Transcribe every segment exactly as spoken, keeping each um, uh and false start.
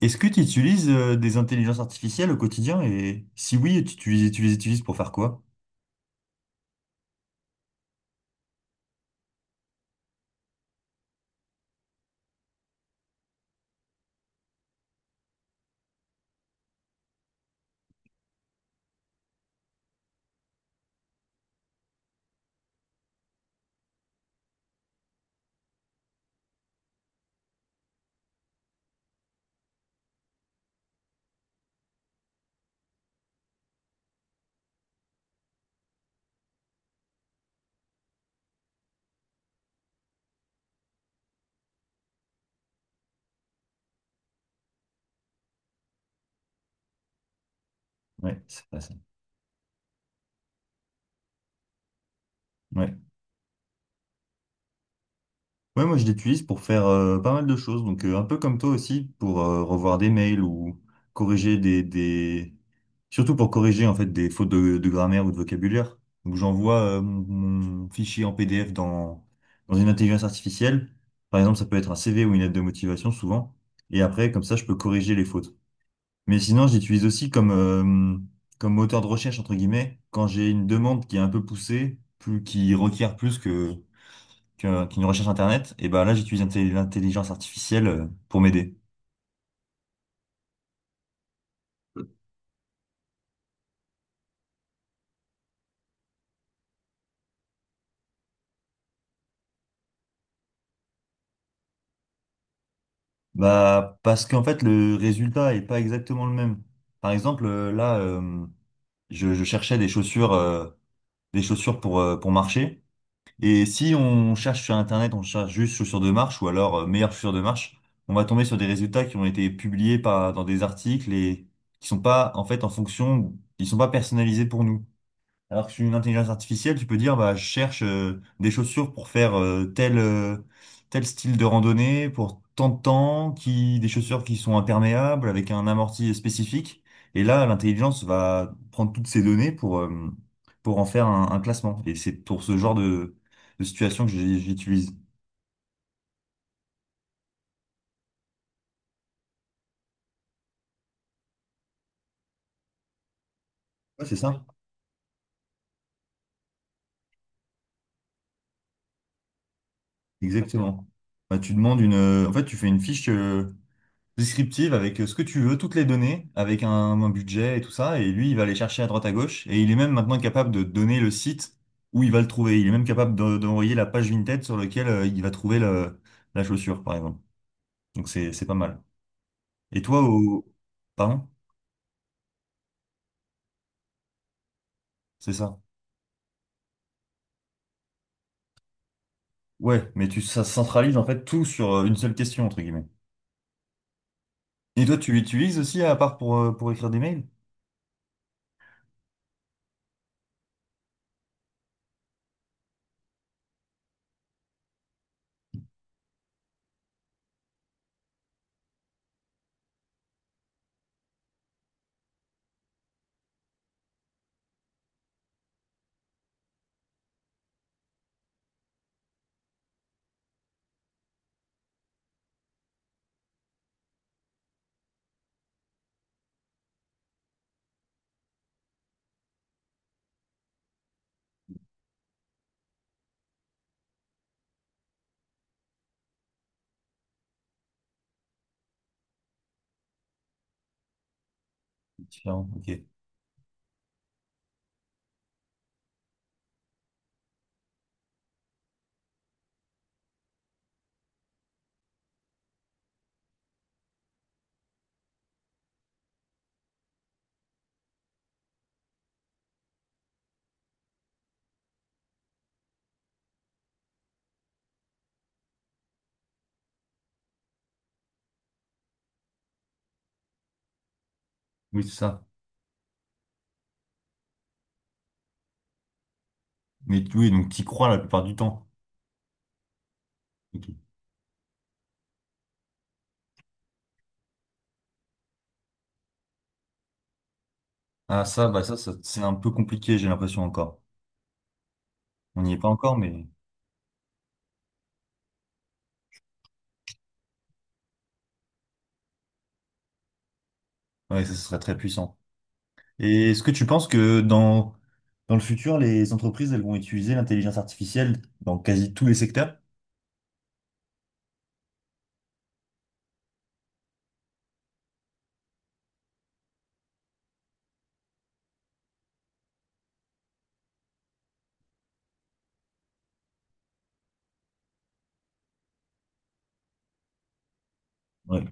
Est-ce que tu utilises euh, des intelligences artificielles au quotidien? Et si oui, tu, tu les tu les utilises pour faire quoi? Ouais, c'est pas ça. Ouais. Ouais, moi je l'utilise pour faire euh, pas mal de choses. Donc euh, un peu comme toi aussi, pour euh, revoir des mails ou corriger des, des... Surtout pour corriger en fait des fautes de, de grammaire ou de vocabulaire. Donc j'envoie euh, mon mon fichier en P D F dans, dans une intelligence artificielle. Par exemple, ça peut être un C V ou une lettre de motivation souvent. Et après, comme ça, je peux corriger les fautes. Mais sinon, j'utilise aussi comme, euh, comme moteur de recherche, entre guillemets, quand j'ai une demande qui est un peu poussée, plus, qui requiert plus que, que- qu'une recherche Internet, et ben là, j'utilise l'inté- l'intelligence artificielle euh, pour m'aider. Bah, parce qu'en fait, le résultat est pas exactement le même. Par exemple, euh, là, euh, je, je cherchais des chaussures, euh, des chaussures pour, euh, pour marcher. Et si on cherche sur Internet, on cherche juste chaussures de marche ou alors euh, meilleures chaussures de marche, on va tomber sur des résultats qui ont été publiés par, dans des articles et qui sont pas, en fait, en fonction, ils sont pas personnalisés pour nous. Alors que sur une intelligence artificielle, tu peux dire, bah, je cherche euh, des chaussures pour faire euh, tel, euh, tel style de randonnée, pour tant de temps, qui, des chaussures qui sont imperméables, avec un amorti spécifique. Et là, l'intelligence va prendre toutes ces données pour, euh, pour en faire un, un classement. Et c'est pour ce genre de, de situation que j'ai- j'utilise. Ouais, c'est ça. Exactement. Bah, tu demandes une, euh, en fait, tu fais une fiche. euh, descriptive avec euh, ce que tu veux, toutes les données, avec un, un budget et tout ça. Et lui, il va aller chercher à droite à gauche. Et il est même maintenant capable de donner le site où il va le trouver. Il est même capable de- d'envoyer la page Vinted sur laquelle euh, il va trouver le- la chaussure, par exemple. Donc c'est, c'est pas mal. Et toi, au... Pardon? C'est ça. Ouais, mais tu, ça centralise en fait tout sur euh, une seule question, entre guillemets. Et toi, tu l'utilises aussi à part pour, euh, pour écrire des mails? Différent, ok. Oui, c'est ça. Mais t- oui, donc tu y crois la plupart du temps. Ok. Ah ça, bah ça, ça- c'est un peu compliqué, j'ai l'impression encore. On n'y est pas encore, mais ouais, ça serait très puissant. Et est-ce que tu penses que dans, dans le futur, les entreprises, elles vont utiliser l'intelligence artificielle dans quasi tous les secteurs? Ouais,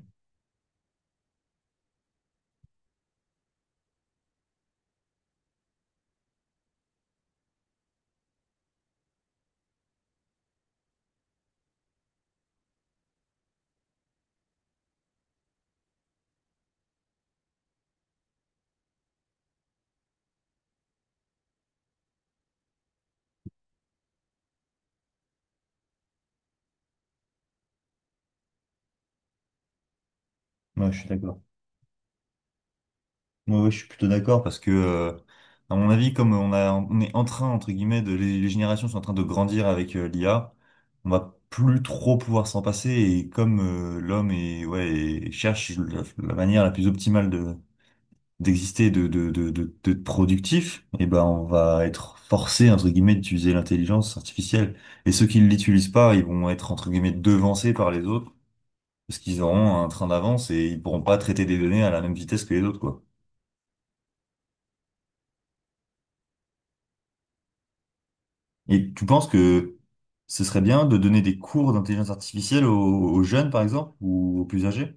ouais, je suis d'accord. Ouais, ouais, je suis plutôt d'accord parce que, euh, à mon avis, comme on a, on est en train, entre guillemets, de, les, les générations sont en train de grandir avec euh, l'I A, on va plus trop pouvoir s'en passer et comme euh, l'homme est, ouais, et cherche la, la manière la plus optimale de, d'exister, de, de, de, de, d'être productif, et ben, on va être forcé, entre guillemets, d'utiliser l'intelligence artificielle. Et ceux qui ne l'utilisent pas, ils vont être, entre guillemets, devancés par les autres parce qu'ils auront un train d'avance et ils pourront pas traiter des données à la même vitesse que les autres, quoi. Et tu penses que ce serait bien de donner des cours d'intelligence artificielle aux, aux jeunes, par exemple, ou aux plus âgés?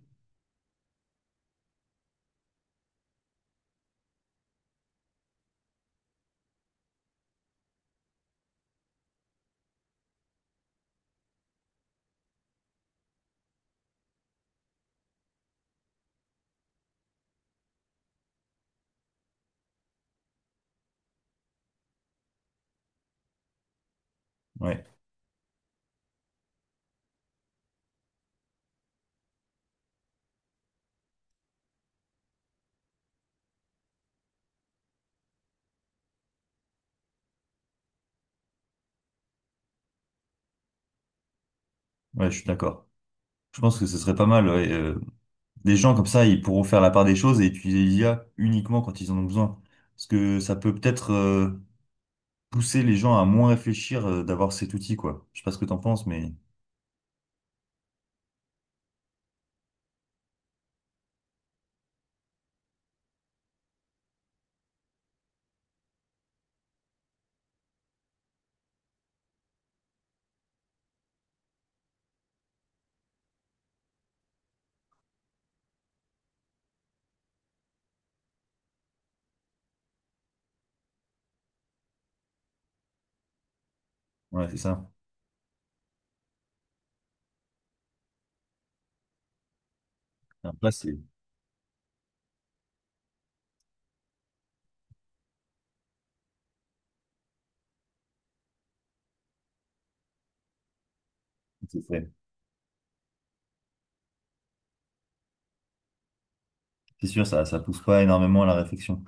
Ouais, ouais, je suis d'accord. Je pense que ce serait pas mal. Ouais, euh, des gens comme ça, ils pourront faire la part des choses et utiliser l'I A uniquement quand ils en ont besoin. Parce que ça peut peut-être euh, pousser les gens à moins réfléchir euh, d'avoir cet outil, quoi. Je sais pas ce que t'en penses, mais ouais, c'est ça. Après, c'est c'est vrai. C'est sûr, ça, ça pousse pas énormément à la réflexion.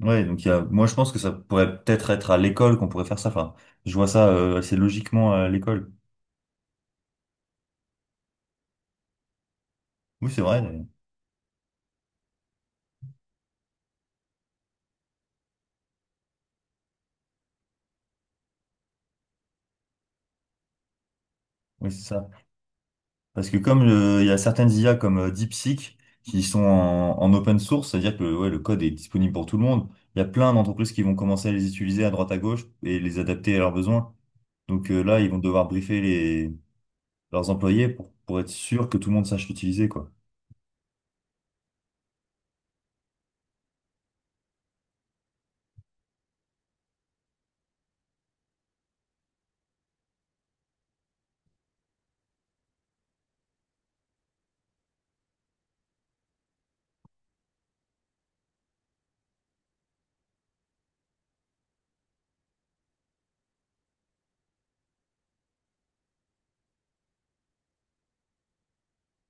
Ouais, donc il y a, moi je pense que ça pourrait peut-être être à l'école qu'on pourrait faire ça. Enfin, je vois ça euh, assez logiquement à l'école. Oui, c'est vrai. D'ailleurs. Oui, c'est ça. Parce que comme euh, il y a certaines I A comme euh, DeepSeek qui sont en, en open source, c'est-à-dire que ouais, le code est disponible pour tout le monde. Il y a plein d'entreprises qui vont commencer à les utiliser à droite à gauche et les adapter à leurs besoins. Donc euh, là, ils vont devoir briefer les, leurs employés pour, pour être sûr que tout le monde sache l'utiliser, quoi.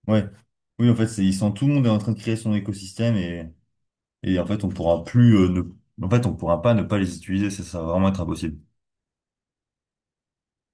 Ouais. Oui, en fait, c'est, ils sont, tout le monde est en train de créer son écosystème et Et en fait, on pourra plus, euh, ne... en fait, on pourra pas ne pas les utiliser. Ça, ça va vraiment être impossible.